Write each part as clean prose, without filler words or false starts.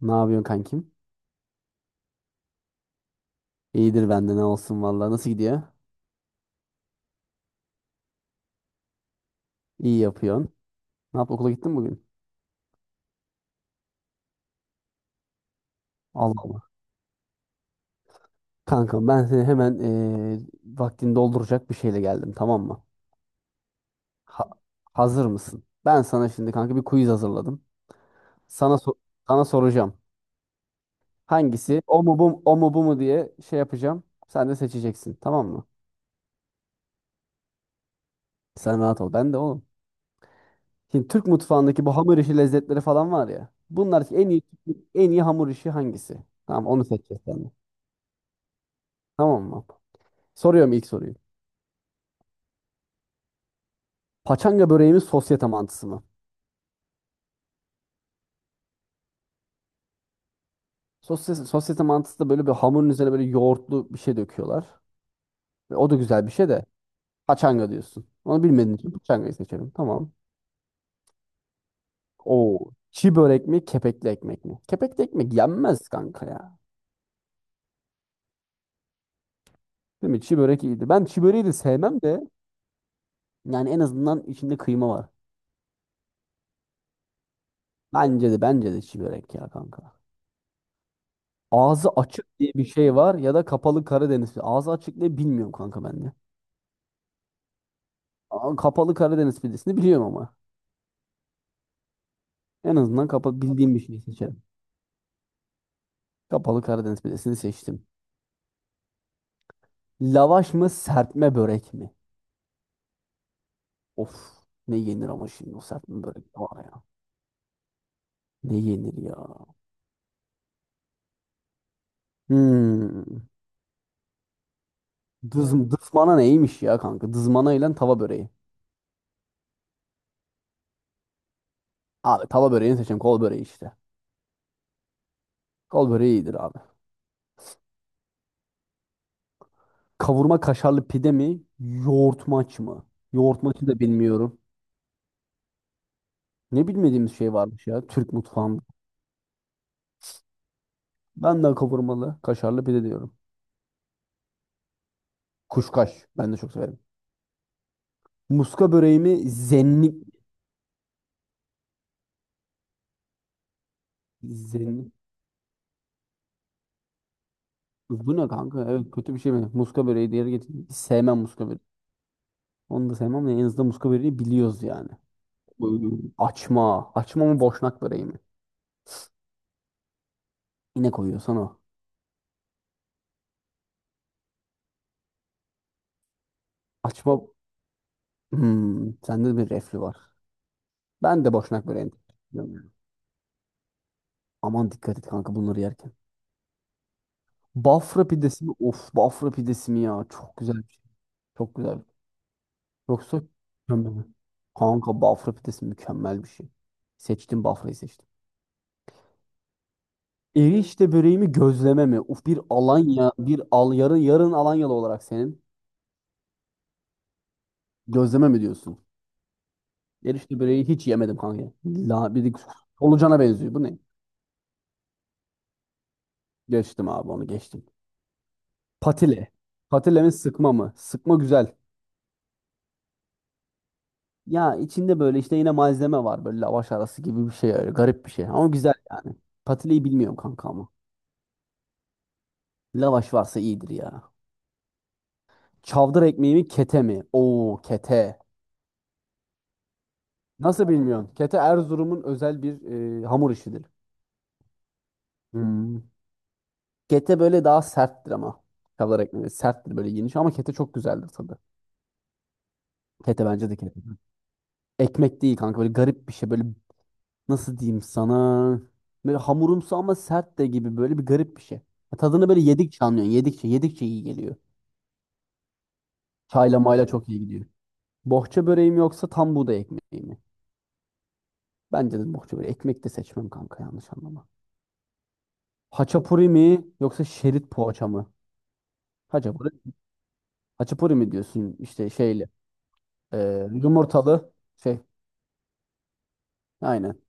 Ne yapıyorsun kankim? İyidir bende ne olsun vallahi. Nasıl gidiyor? İyi yapıyorsun. Ne yap okula gittin mi bugün? Allah Allah. Kankam ben seni hemen vaktini dolduracak bir şeyle geldim, tamam mı? Ha- hazır mısın? Ben sana şimdi kanka bir quiz hazırladım. Sana so- sana soracağım. Hangisi? O mu bu mu, o mu bu mu diye şey yapacağım. Sen de seçeceksin, tamam mı? Sen rahat ol. Ben de oğlum. Şimdi Türk mutfağındaki bu hamur işi lezzetleri falan var ya. Bunlar en iyi en iyi hamur işi hangisi? Tamam onu seçeceğiz sen de. Tamam mı? Soruyorum ilk soruyu. Paçanga böreği mi sosyete mantısı mı? Sosyete mantısı da böyle bir hamurun üzerine böyle yoğurtlu bir şey döküyorlar. Ve o da güzel bir şey de paçanga diyorsun. Onu bilmediğin için paçangayı seçelim. Tamam. Oo, çi börek mi kepekli ekmek mi? Kepekli ekmek yenmez kanka ya. Değil mi? Çi börek iyiydi. Ben çi böreği de sevmem de yani en azından içinde kıyma var. Bence de çi börek ya kanka. Ağzı açık diye bir şey var ya da kapalı Karadeniz pidesi. Ağzı açık diye bilmiyorum kanka ben de. Aa, Kapalı Karadeniz pidesini biliyorum ama. En azından kapa bildiğim bir şey seçelim. Kapalı Karadeniz pidesini seçtim. Lavaş mı serpme börek mi? Of, ne yenir ama şimdi o serpme börek de var ya. Ne yenir ya? Hmm. Dız, dızmana neymiş ya kanka? Dızmana ile tava böreği. Abi tava böreğini seçeceğim. Kol böreği işte. Kol böreği iyidir abi. Kavurma kaşarlı pide mi? Yoğurtmaç mı? Yoğurtmaçı da bilmiyorum. Ne bilmediğimiz şey varmış ya Türk mutfağında. Ben de kavurmalı kaşarlı pide diyorum. Kuşkaş. Ben de çok severim. Muska böreği mi? Zenlik. Zenlik. Bu ne kanka? Evet kötü bir şey mi? Muska böreği diğeri getirdim. Hiç sevmem muska böreği. Onu da sevmem de en azından muska böreği biliyoruz yani. Böyle açma. Açma mı boşnak böreği mi? Yine koyuyorsan o. Açma. Hmm, sende bir reflü var. Ben de boşnak böreğini tercih ediyorum. Aman dikkat et kanka bunları yerken. Bafra pidesi mi? Of, bafra pidesi mi ya? Çok güzel bir şey. Çok güzel. Yoksa mükemmel. Kanka bafra pidesi mükemmel bir şey. Seçtim, bafrayı seçtim. Erişte böreğimi gözleme mi? Uf, bir Alanya, bir al yarın yarın Alanyalı olarak senin gözleme mi diyorsun? Erişte böreği hiç yemedim kanka. La bir solucana benziyor. Bu ne? Geçtim abi onu geçtim. Patile. Patile mi sıkma mı? Sıkma güzel. Ya içinde böyle işte yine malzeme var. Böyle lavaş arası gibi bir şey, öyle garip bir şey. Ama güzel yani. Patileyi bilmiyorum kanka ama. Lavaş varsa iyidir ya. Çavdar ekmeği mi kete mi? Oo kete. Nasıl bilmiyorsun? Kete Erzurum'un özel bir hamur işidir. Hmm. Kete böyle daha serttir ama. Kavala ekmeği serttir böyle geniş ama kete çok güzeldir tadı. Kete, bence de kete. Ekmek değil kanka böyle garip bir şey, böyle nasıl diyeyim sana. Böyle hamurumsu ama sert de gibi, böyle bir garip bir şey. Tadını böyle yedikçe anlıyorsun. Yedikçe yedikçe iyi geliyor. Çayla mayla çok iyi gidiyor. Bohça böreğim yoksa tam buğday ekmeği mi? Bence de bohça böreği. Ekmek de seçmem kanka, yanlış anlama. Haçapuri mi yoksa şerit poğaça mı? Haçapuri. Haçapuri mi diyorsun işte şeyli. Yumurtalı şey. Aynen.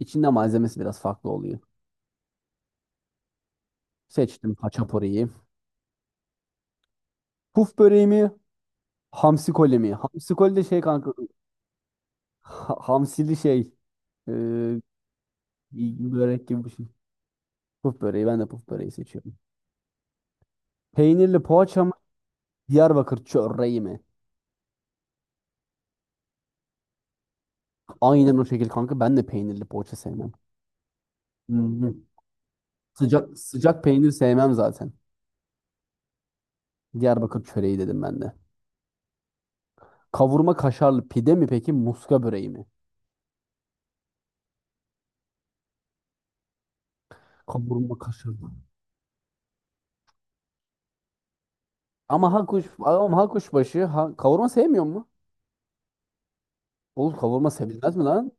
İçinde malzemesi biraz farklı oluyor. Seçtim haçapuriyi. Puf böreği mi? Hamsi koli mi? Hamsi koli de şey kanka, hamsili şey. Ee, bir börek gibi bir şey. Puf böreği. Ben de puf böreği seçiyorum. Peynirli poğaça mı? Diyarbakır çöreği mi? Aynen o şekilde kanka. Ben de peynirli poğaça sevmem. Hı-hı. Sıcak sıcak peynir sevmem zaten. Diyarbakır çöreği dedim ben de. Kavurma kaşarlı pide mi peki? Muska böreği mi? Kavurma kaşarlı. Ama ha kuşbaşı, kavurma sevmiyor mu? Oğlum kavurma sevilmez mi lan?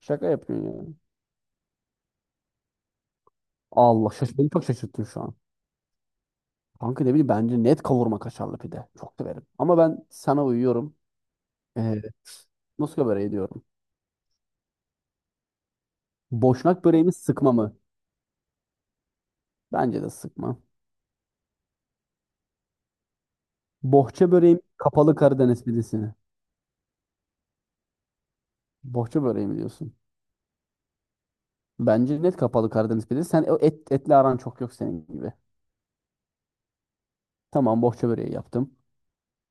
Şaka yapıyorsun ya. Allah şaş, beni çok şaşırttın şu an. Kanka ne bileyim bence net kavurma kaşarlı pide. Çok severim. Ama ben sana uyuyorum. Ee, muska böreği diyorum. Boşnak böreğimi sıkma mı? Bence de sıkma. Bohça böreğim kapalı Karadeniz pidesini. Bohça böreği mi diyorsun? Bence net kapalı Karadeniz pidesi. Sen o et, etli aran çok yok senin gibi. Tamam bohça böreği yaptım.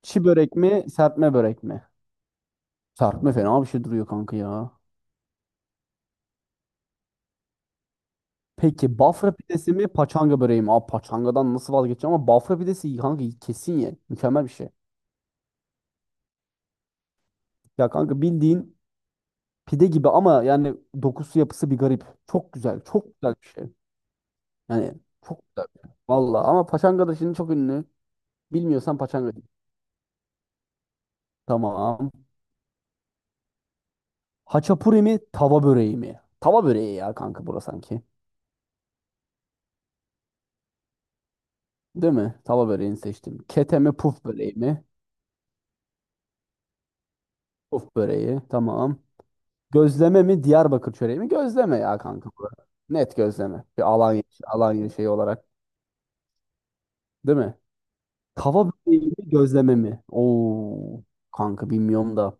Çi börek mi serpme börek mi? Serpme fena bir şey duruyor kanka ya. Peki Bafra pidesi mi paçanga böreği mi? Abi paçangadan nasıl vazgeçeceğim ama Bafra pidesi kanka kesin ye. Mükemmel bir şey. Ya kanka bildiğin pide gibi ama yani dokusu yapısı bir garip. Çok güzel. Çok güzel bir şey. Yani çok güzel bir şey. Vallahi ama paçanga da şimdi çok ünlü. Bilmiyorsan paçanga değil. Tamam. Haçapuri mi tava böreği mi? Tava böreği ya kanka burası sanki. Değil mi? Tava böreğini seçtim. Kete mi puf böreği mi? Puf böreği. Tamam. Gözleme mi Diyarbakır çöreği mi? Gözleme ya kanka bu. Net gözleme. Alanya şeyi olarak. Değil mi? Tava böreği mi gözleme mi? Oo kanka bilmiyorum da.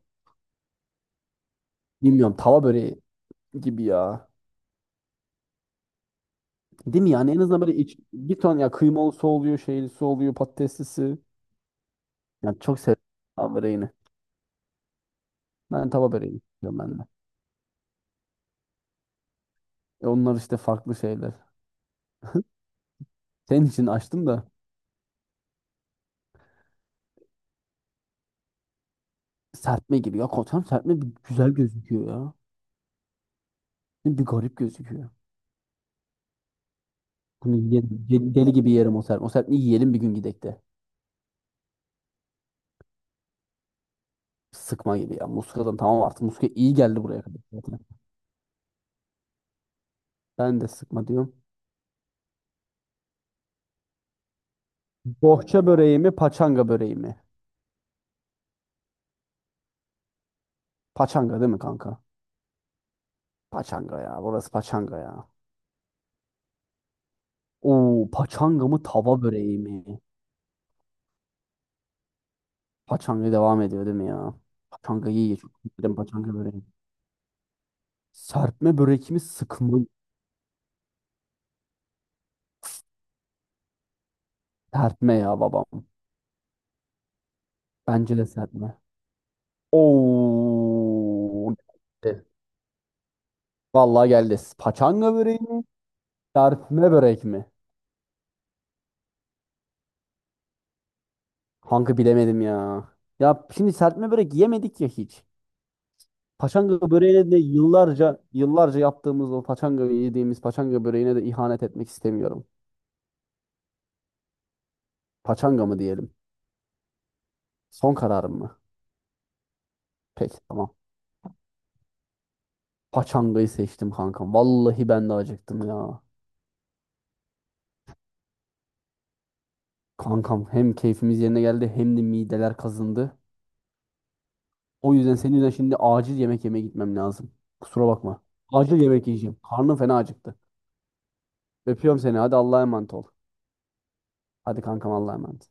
Bilmiyorum tava böreği gibi ya. Değil mi yani en azından böyle iç, bir ton ya kıymalısı oluyor, şeylisi oluyor, patateslisi. Yani çok seviyorum tava böreğini. Ben tava böreğini diyorum ben de. E onlar işte farklı şeyler. Senin için açtım da serpme gibi. Ya koçam serpme bir güzel gözüküyor ya. Bir garip gözüküyor. Bunu yiyelim. Deli deli gibi yerim o serpme. O serpmeyi yiyelim bir gün gidek de. Sıkma gibi ya. Muskadan tamam artık. Muska iyi geldi buraya kadar zaten. Ben de sıkma diyorum. Bohça böreği mi, paçanga böreği mi? Paçanga değil mi kanka? Paçanga ya. Burası paçanga ya. Oo, paçanga mı, tava böreği mi? Paçanga devam ediyor değil mi ya? Paçanga iyi. Çok severim paçanga böreği. Serpme börek mi, sıkma? Serpme ya babam. Bence de serpme. Oo. Geldi. Vallahi geldi. Paçanga böreği mi? Serpme börek mi? Kanka bilemedim ya. Ya şimdi serpme börek yemedik ya hiç. Paçanga böreğine de yıllarca yıllarca yaptığımız o paçanga yediğimiz paçanga böreğine de ihanet etmek istemiyorum. Paçanga mı diyelim? Son kararım mı? Peki tamam. Paçangayı seçtim kankam. Vallahi ben de acıktım ya. Kankam hem keyfimiz yerine geldi hem de mideler kazındı. O yüzden senin yüzünden şimdi acil yemek yemeye gitmem lazım. Kusura bakma. Acil yemek yiyeceğim. Karnım fena acıktı. Öpüyorum seni. Hadi Allah'a emanet ol. Hadi kankam Allah'a emanet.